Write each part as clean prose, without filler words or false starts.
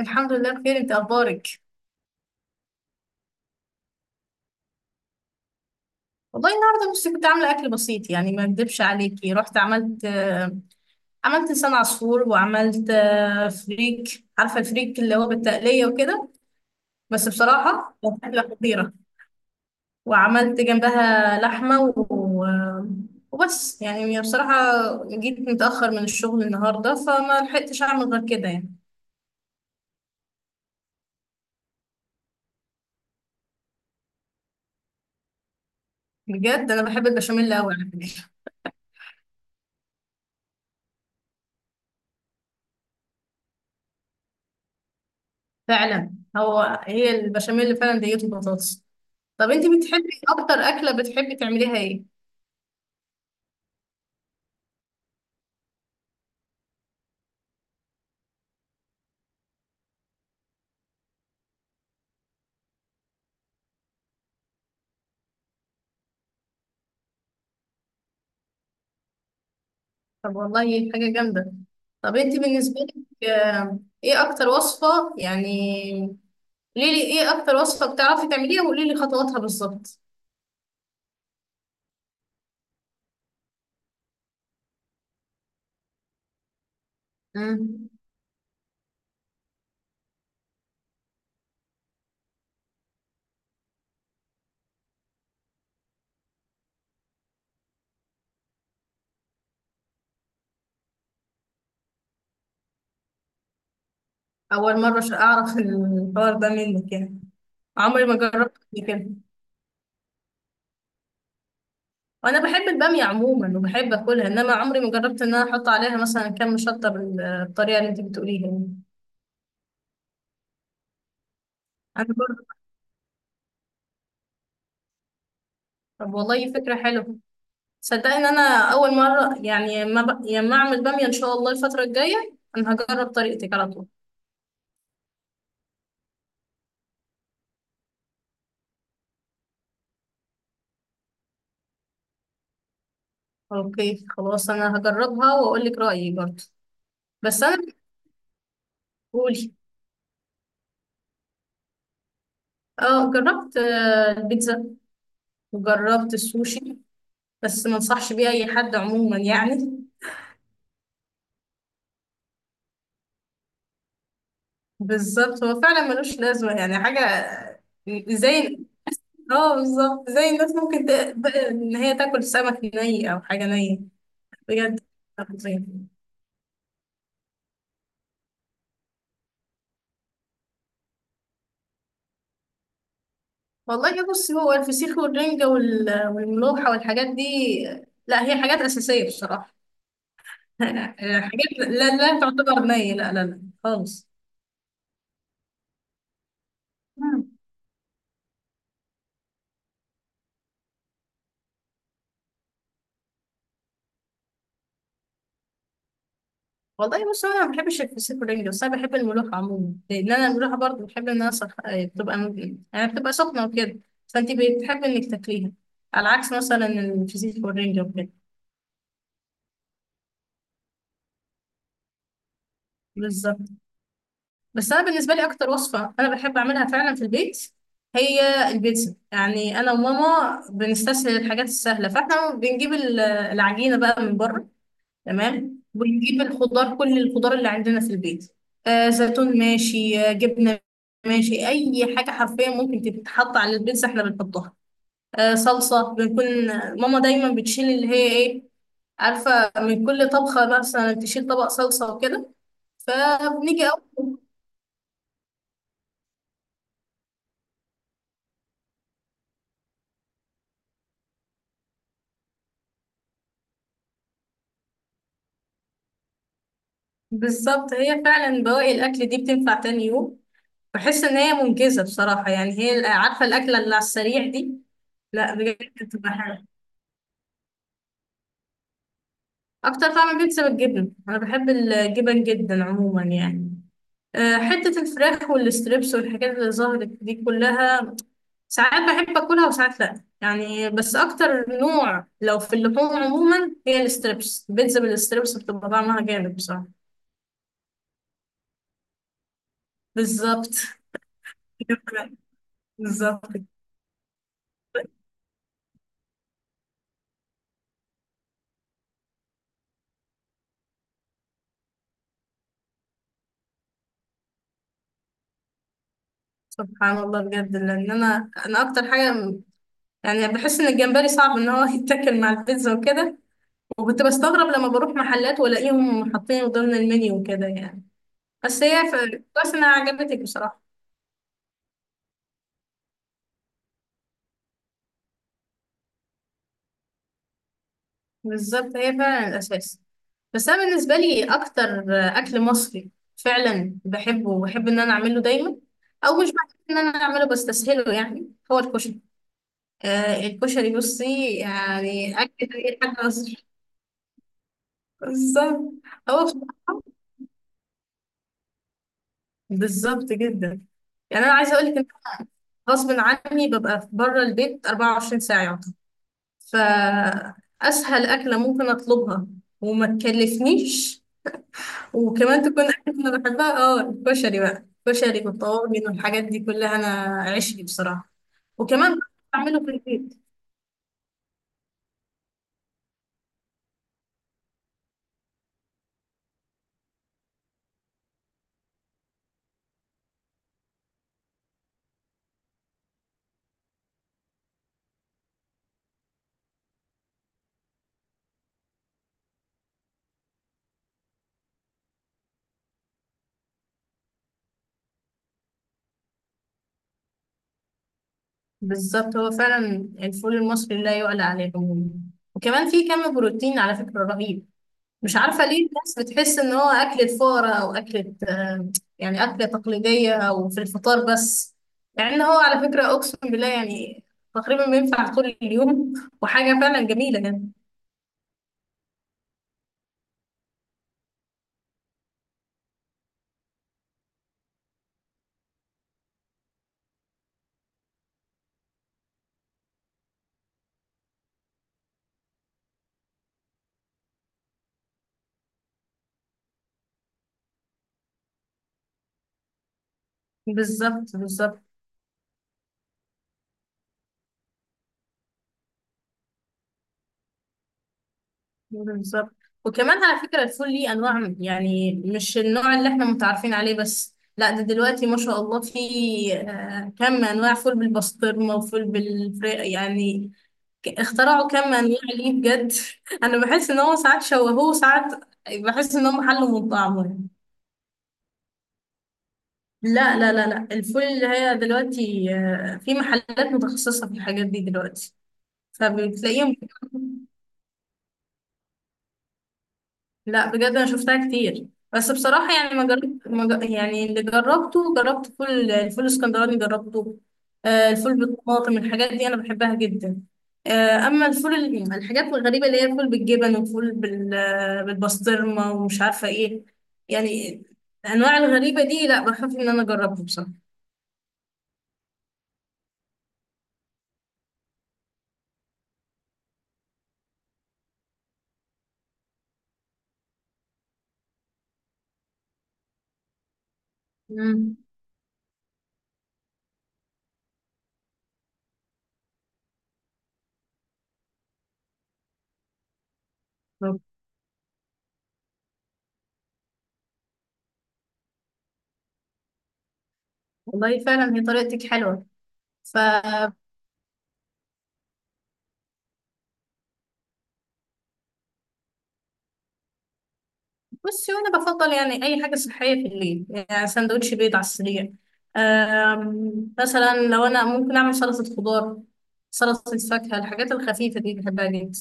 الحمد لله بخير، انت اخبارك؟ والله النهارده بس كنت عامله اكل بسيط يعني ما اكدبش عليكي رحت عملت لسان عصفور وعملت فريك عارفه الفريك اللي هو بالتقليه وكده. بس بصراحه كانت اكله خطيره وعملت جنبها لحمه و... آه، وبس يعني بصراحه. جيت متاخر من الشغل النهارده فما لحقتش اعمل غير كده يعني. بجد انا بحب البشاميل قوي على فكره. فعلا، هو هي البشاميل فعلا ديته بطاطس. طب انت بتحبي اكتر اكله بتحبي تعمليها ايه؟ طب والله حاجه جامده. طب انت بالنسبه لك، ايه اكتر وصفه يعني؟ قولي لي ايه اكتر وصفه بتعرفي تعمليها وقولي لي خطواتها بالظبط. مم. اول مره عشان اعرف الحوار ده منك يعني، عمري ما جربت قبل كده. وانا بحب الباميه عموما وبحب اكلها، انما عمري ما جربت ان انا احط عليها مثلا كم شطه بالطريقه اللي انت بتقوليها يعني. انا برضه. طب والله فكره حلوه. صدقني ان انا اول مره يعني ما اعمل باميه. ان شاء الله الفتره الجايه انا هجرب طريقتك على طول. اوكي خلاص، انا هجربها واقول لك رايي برضه. بس انا. قولي. اه جربت البيتزا وجربت السوشي، بس ما انصحش بيه اي حد عموما يعني. بالظبط، هو فعلا ملوش لازمه يعني حاجه. زي. اه بالظبط زي الناس ممكن ان هي تاكل سمك ني او حاجه نيه. بجد. والله بص، هو الفسيخ والرنجة والملوحة والحاجات دي، لا هي حاجات أساسية بصراحة. حاجات لا لا تعتبر نية، لا لا لا خالص. مم. والله بص، أنا ما بحبش الفسيخ والرنجة، بس أنا بحب الملوحة عموما، لأن أنا الملوحة برضه بحب إنها صح... آه، بتبقى م- يعني بتبقى سخنة وكده. فأنت بتحب إنك تاكليها، على عكس مثلا الفسيخ والرنجة وكده. بس انا بالنسبه لي اكتر وصفه انا بحب اعملها فعلا في البيت هي البيتزا. يعني انا وماما بنستسهل الحاجات السهله، فاحنا بنجيب العجينه بقى من بره. تمام، ونجيب الخضار كل الخضار اللي عندنا في البيت، زيتون ماشي، جبنه ماشي، اي حاجه حرفيا ممكن تتحط على البيتزا احنا بنحطها. صلصه بنكون، ماما دايما بتشيل اللي هي ايه، عارفه، من كل طبخه مثلا تشيل طبق صلصه وكده، فبنيجي أول. بالظبط هي فعلا بواقي الاكل دي بتنفع تاني يوم. بحس ان هي منجزه بصراحه، يعني هي عارفه الاكله اللي على السريع دي. لا بجد بتبقى حلوه. اكتر طعم بيتزا بالجبن، انا بحب الجبن جدا عموما يعني. حته الفراخ والستريبس والحاجات اللي ظهرت دي كلها، ساعات بحب اكلها وساعات لا يعني. بس اكتر نوع لو في اللحوم عموما هي الستريبس، البيتزا بالستريبس بتبقى طعمها جامد بصراحه. بالظبط. بالظبط. سبحان الله بجد، لان انا اكتر حاجه يعني بحس ان الجمبري صعب ان هو يتاكل مع البيتزا وكده. وكنت بستغرب لما بروح محلات والاقيهم حاطينه ضمن المنيو وكده يعني. بس هي كويس انها عجبتك بصراحه. بالظبط هي فعلا الاساس. بس انا بالنسبه لي اكتر اكل مصري فعلا بحبه وبحب ان انا اعمله دايما، او مش بحب ان انا اعمله بستسهله يعني، هو الكشري. الكشري بصي يعني اكل اي حد مصري. بالظبط. هو بالظبط جدا، يعني انا عايزه اقول لك ان غصب عني ببقى بره البيت 24 ساعه يعتبر، فاسهل اكله ممكن اطلبها وما تكلفنيش وكمان تكون اكله انا بحبها، اه الكشري بقى، الكشري والطواجن والحاجات دي كلها انا عشقي بصراحه. وكمان بعمله في البيت. بالظبط هو فعلا الفول المصري لا يعلى عليه عموما، وكمان فيه كم بروتين على فكره رهيب. مش عارفة ليه الناس بتحس ان هو أكلة فقرا او أكلة، يعني أكلة تقليدية او في الفطار بس. يعني ان هو على فكرة، اقسم بالله يعني، تقريبا بينفع طول اليوم وحاجة فعلا جميلة يعني. بالظبط بالظبط بالظبط. وكمان على فكرة الفول ليه انواع، يعني مش النوع اللي احنا متعارفين عليه بس، لا ده دلوقتي ما شاء الله في كم انواع، فول بالبسطرمة وفول بالفراخ يعني. اخترعوا كم انواع ليه بجد انا بحس ان هو ساعات شوهوه وساعات بحس ان هم حلوا من طعمه يعني. لا لا لا لا، الفول اللي هي دلوقتي، في محلات متخصصة في الحاجات دي دلوقتي فبتلاقيهم. لا بجد انا شفتها كتير، بس بصراحه يعني ما جربت ما ج- يعني اللي جربته جربت الفول الاسكندراني جربته. الفول بالطماطم الحاجات دي انا بحبها جدا. اما الفول الحاجات الغريبه اللي هي الفول بالجبن والفول بالبسطرمه ومش عارفه ايه يعني، الانواع الغريبه دي لا بخاف ان انا اجربها بصراحه. مم. والله فعلا هي طريقتك حلوه. بصي، وانا بفضل يعني اي حاجه صحيه في الليل، يعني سندوتش بيض على السريع. مثلا لو انا ممكن اعمل سلطه خضار، سلطه فاكهه، الحاجات الخفيفه دي بحبها جدا.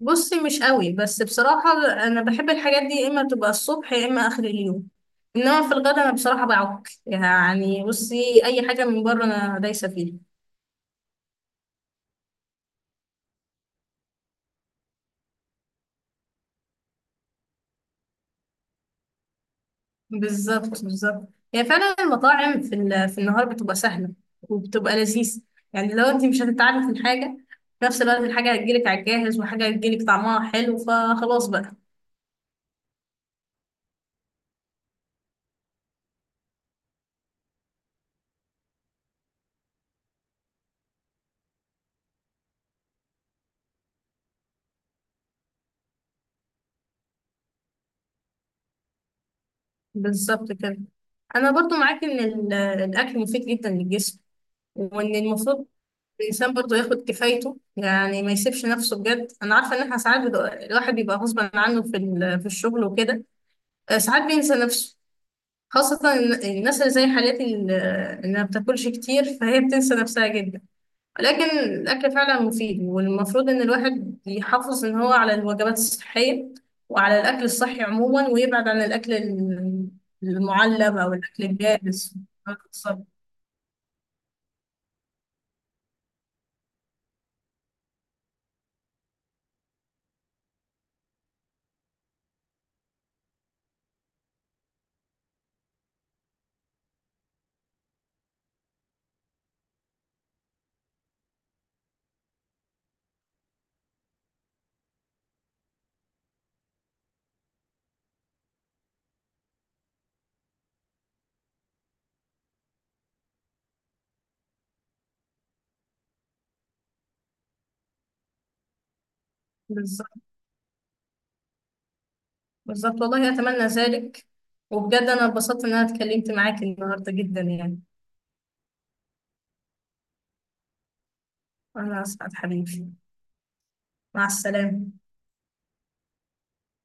بصي مش قوي، بس بصراحه انا بحب الحاجات دي يا اما تبقى الصبح يا اما اخر اليوم، انما في الغدا انا بصراحه بعك يعني، بصي اي حاجه من بره انا دايسه فيها. بالظبط بالظبط، هي فعلا المطاعم في في النهار بتبقى سهله وبتبقى لذيذ، يعني لو انت مش هتتعبي في الحاجه، في نفس الوقت الحاجه هتجيلك على الجاهز وحاجه هتجيلك طعمها حلو فخلاص بقى. بالظبط كده. انا برضو معاك ان الاكل مفيد جدا للجسم، وان المفروض الانسان برضو ياخد كفايته يعني ما يسيبش نفسه. بجد انا عارفه ان احنا ساعات الواحد بيبقى غصب عنه في في الشغل وكده، ساعات بينسى نفسه، خاصة الناس اللي زي حالتي اللي ما بتاكلش كتير فهي بتنسى نفسها جدا. ولكن الأكل فعلا مفيد، والمفروض إن الواحد يحافظ إن هو على الوجبات الصحية وعلى الأكل الصحي عموما، ويبعد عن الأكل المعلب أو الأكل الجاهز. بالظبط بالظبط بالظبط. والله أتمنى ذلك. وبجد أنا اتبسطت إن أنا اتكلمت معاك النهاردة جدا يعني. أنا أسعد حبيبي. مع السلامة.